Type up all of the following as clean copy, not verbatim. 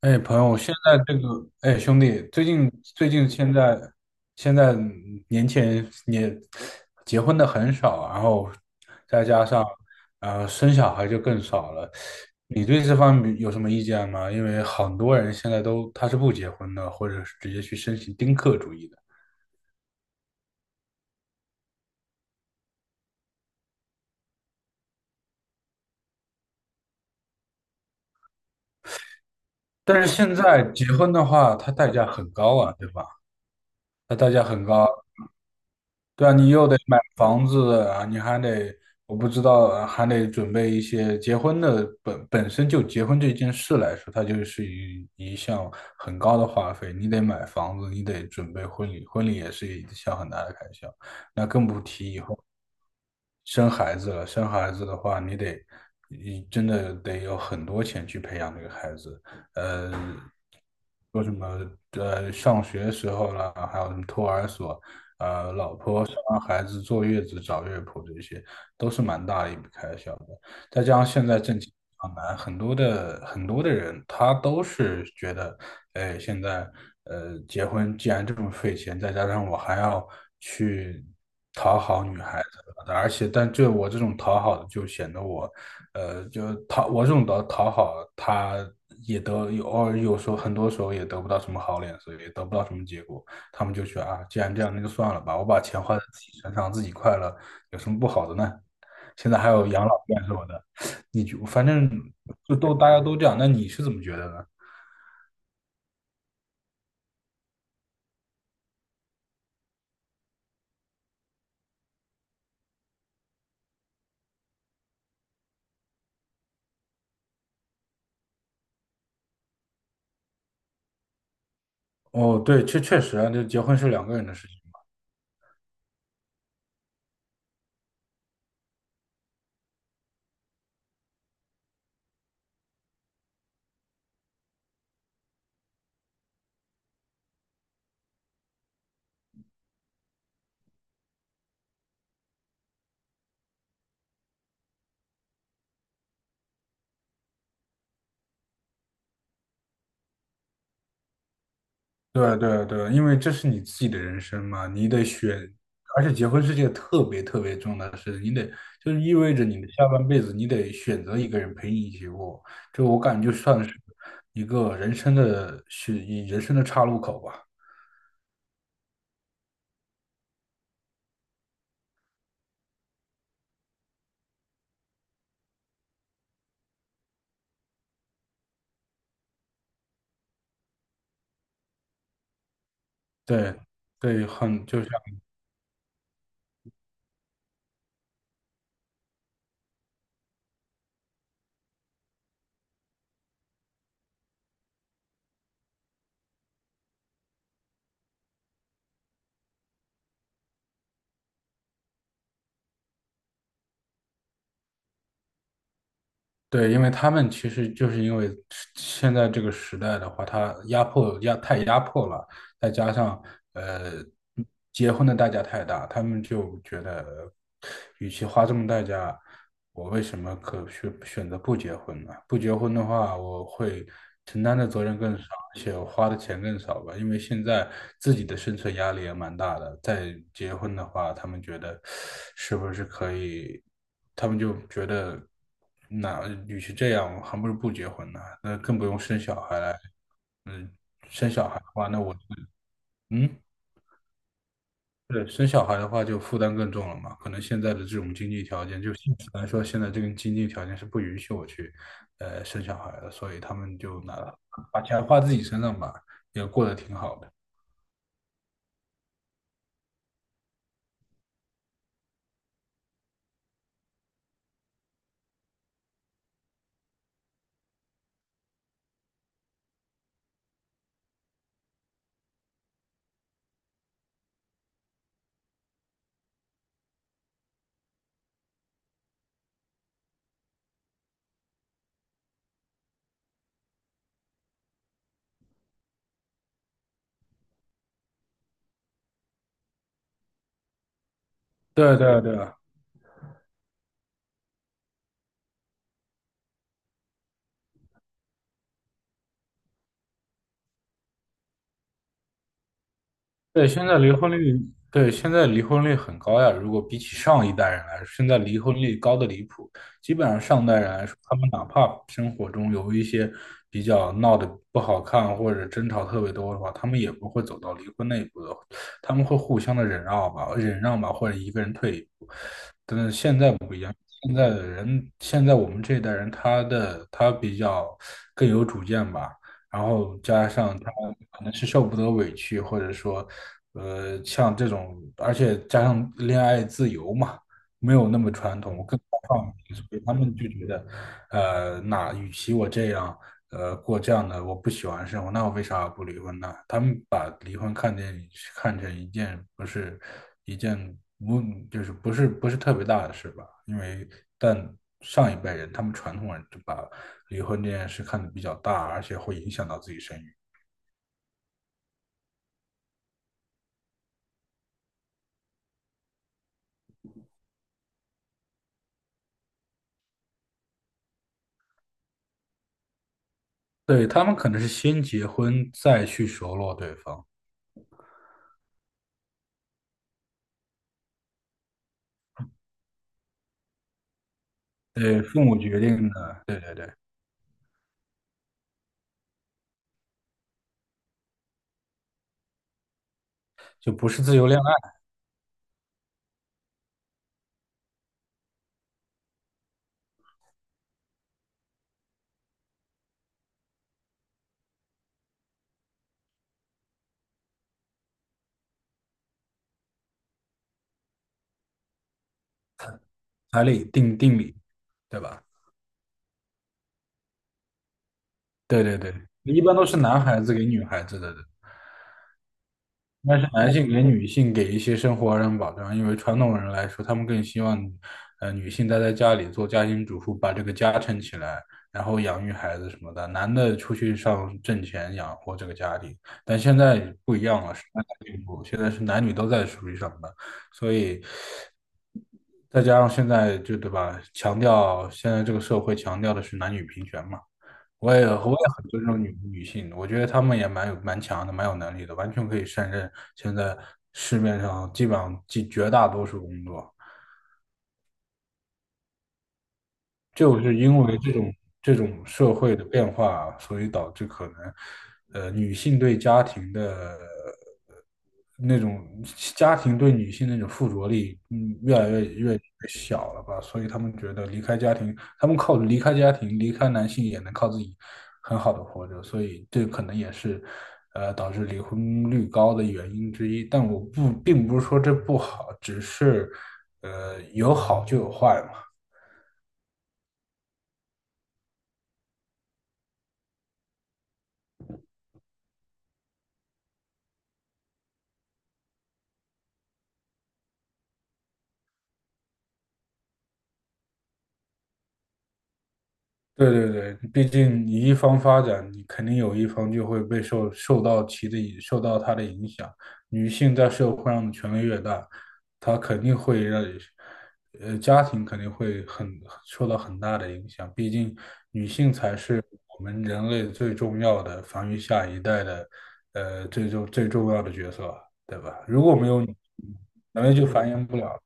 哎，朋友，现在这个，哎，兄弟，最近最近现在年轻人也结婚的很少，然后再加上生小孩就更少了。你对这方面有什么意见吗？因为很多人现在都他是不结婚的，或者是直接去申请丁克主义的。但是现在结婚的话，它代价很高啊，对吧？它代价很高，对啊，你又得买房子啊，你还得，我不知道啊，还得准备一些结婚的本身就结婚这件事来说，它就是一项很高的花费。你得买房子，你得准备婚礼，婚礼也是一项很大的开销，那更不提以后。生孩子了，生孩子的话，你得，你真的得有很多钱去培养这个孩子。呃，说什么上学时候啦，还有什么托儿所，老婆生完孩子坐月子找月婆这些，都是蛮大的一笔开销的。再加上现在挣钱比较难，很多的人他都是觉得，哎，现在结婚既然这么费钱，再加上我还要去。讨好女孩而且，但这我这种讨好的就显得我，我这种的讨好，他也得有偶尔有时候很多时候也得不到什么好脸色，也得不到什么结果。他们就觉得啊，既然这样，那就算了吧，我把钱花在自己身上，自己快乐，有什么不好的呢？现在还有养老院什么的，你就反正大家都这样。那你是怎么觉得呢？哦，对，确实啊，这结婚是两个人的事情。对对对，因为这是你自己的人生嘛，你得选，而且结婚是件特别特别重要的事情，你得就是意味着你的下半辈子你得选择一个人陪你一起过，就我感觉就算是一人生的岔路口吧。对对，很就像对，因为他们其实就是因为现在这个时代的话，他压迫压太压迫了，再加上呃结婚的代价太大，他们就觉得，与其花这么代价，我为什么选择不结婚呢？不结婚的话，我会承担的责任更少，而且我花的钱更少吧。因为现在自己的生存压力也蛮大的，再结婚的话，他们觉得是不是可以？他们就觉得，那与其这样，我还不如不结婚呢。那更不用生小孩来，嗯，生小孩的话，那我嗯，对，生小孩的话就负担更重了嘛。可能现在的这种经济条件，就现实来说，现在这个经济条件是不允许我去，生小孩的，所以他们就拿把钱花自己身上吧，也过得挺好的。对对对，对，现在离婚率，对，现在离婚率很高呀。如果比起上一代人来说，现在离婚率高的离谱。基本上上代人来说，他们哪怕生活中有一些比较闹得不好看或者争吵特别多的话，他们也不会走到离婚那一步的，他们会互相的忍让吧，忍让吧，或者一个人退一步。但是现在不一样，现在的人，现在我们这一代人，他比较更有主见吧。然后加上他可能是受不得委屈，或者说，像这种，而且加上恋爱自由嘛，没有那么传统，更开放一些所以他们就觉得，那与其我这样，过这样的我不喜欢的生活，那我为啥不离婚呢？他们把离婚看成一件不是一件不就是不是特别大的事吧，因为但上一辈人他们传统人就把离婚这件事看得比较大，而且会影响到自己生育。对，他们可能是先结婚再去熟络对方，对，父母决定的，对对对，就不是自由恋爱，彩礼定礼，对吧？对对对，一般都是男孩子给女孩子的但是男性给女性给一些生活上保障，因为传统人来说，他们更希望，女性待在家里做家庭主妇，把这个家撑起来，然后养育孩子什么的，男的出去上挣钱养活这个家庭。但现在不一样了，时代在进步，现在是男女都在出去上班，所以再加上现在就对吧，强调现在这个社会强调的是男女平权嘛。我也很尊重女性，我觉得她们也蛮强的，蛮有能力的，完全可以胜任现在市面上基本上绝大多数工作。就是因为这种社会的变化啊，所以导致可能，女性对家庭的呃那种家庭对女性那种附着力，越来越小了吧？所以他们觉得离开家庭，他们靠离开家庭，离开男性也能靠自己很好的活着，所以这可能也是。导致离婚率高的原因之一，但我不，并不是说这不好，只是，有好就有坏嘛。对对对，毕竟你一方发展，你肯定有一方就会受到它的影响。女性在社会上的权力越大，她肯定会让，家庭肯定会很受到很大的影响。毕竟女性才是我们人类最重要的繁育下一代的，最重要的角色，对吧？如果没有女性，人类就繁衍不了，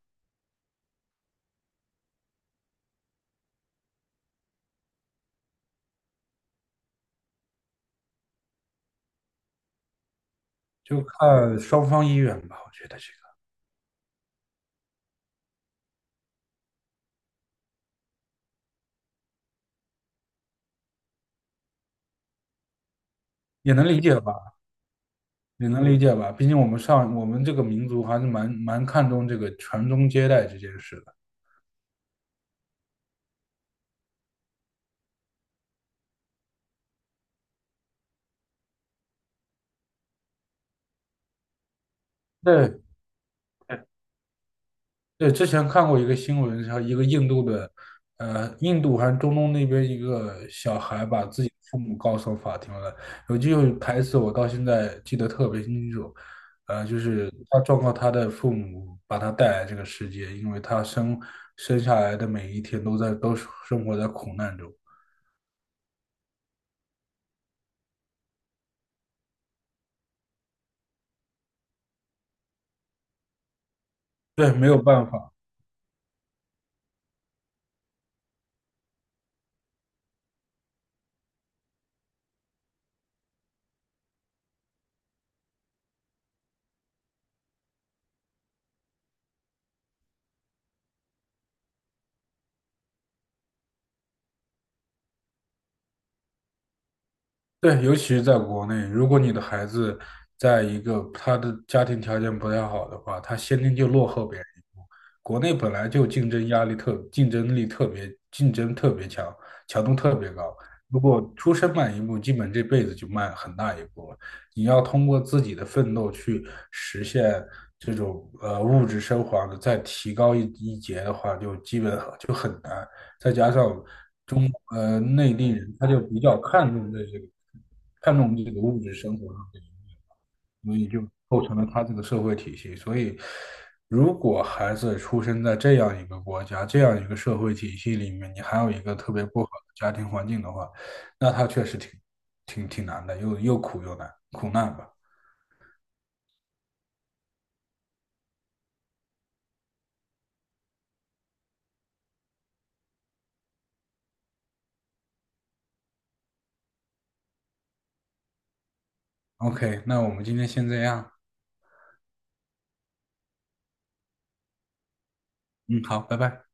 就看双方意愿吧。我觉得这个也能理解吧。你能理解吧，毕竟我们这个民族还是蛮看重这个传宗接代这件事的。对对，对，之前看过一个新闻，是一个印度的，印度还是中东那边一个小孩把自己的父母告上法庭了。有句台词我到现在记得特别清楚，就是他状告他的父母把他带来这个世界，因为他生下来的每一天都生活在苦难中。对，没有办法。对，尤其是在国内，如果你的孩子在一个他的家庭条件不太好的话，他先天就落后别人一步。国内本来就竞争特别强，强度特别高。如果出生慢一步，基本这辈子就慢很大一步了。你要通过自己的奋斗去实现这种物质生活的再提高一截的话，就基本就很难。再加上中内地人，他就比较看重这个，看重这个物质生活上的一面，所以就构成了他这个社会体系。所以，如果孩子出生在这样一个国家、这样一个社会体系里面，你还有一个特别不好的家庭环境的话，那他确实挺难的，又苦又难，苦难吧。OK，那我们今天先这样。嗯，好，拜拜。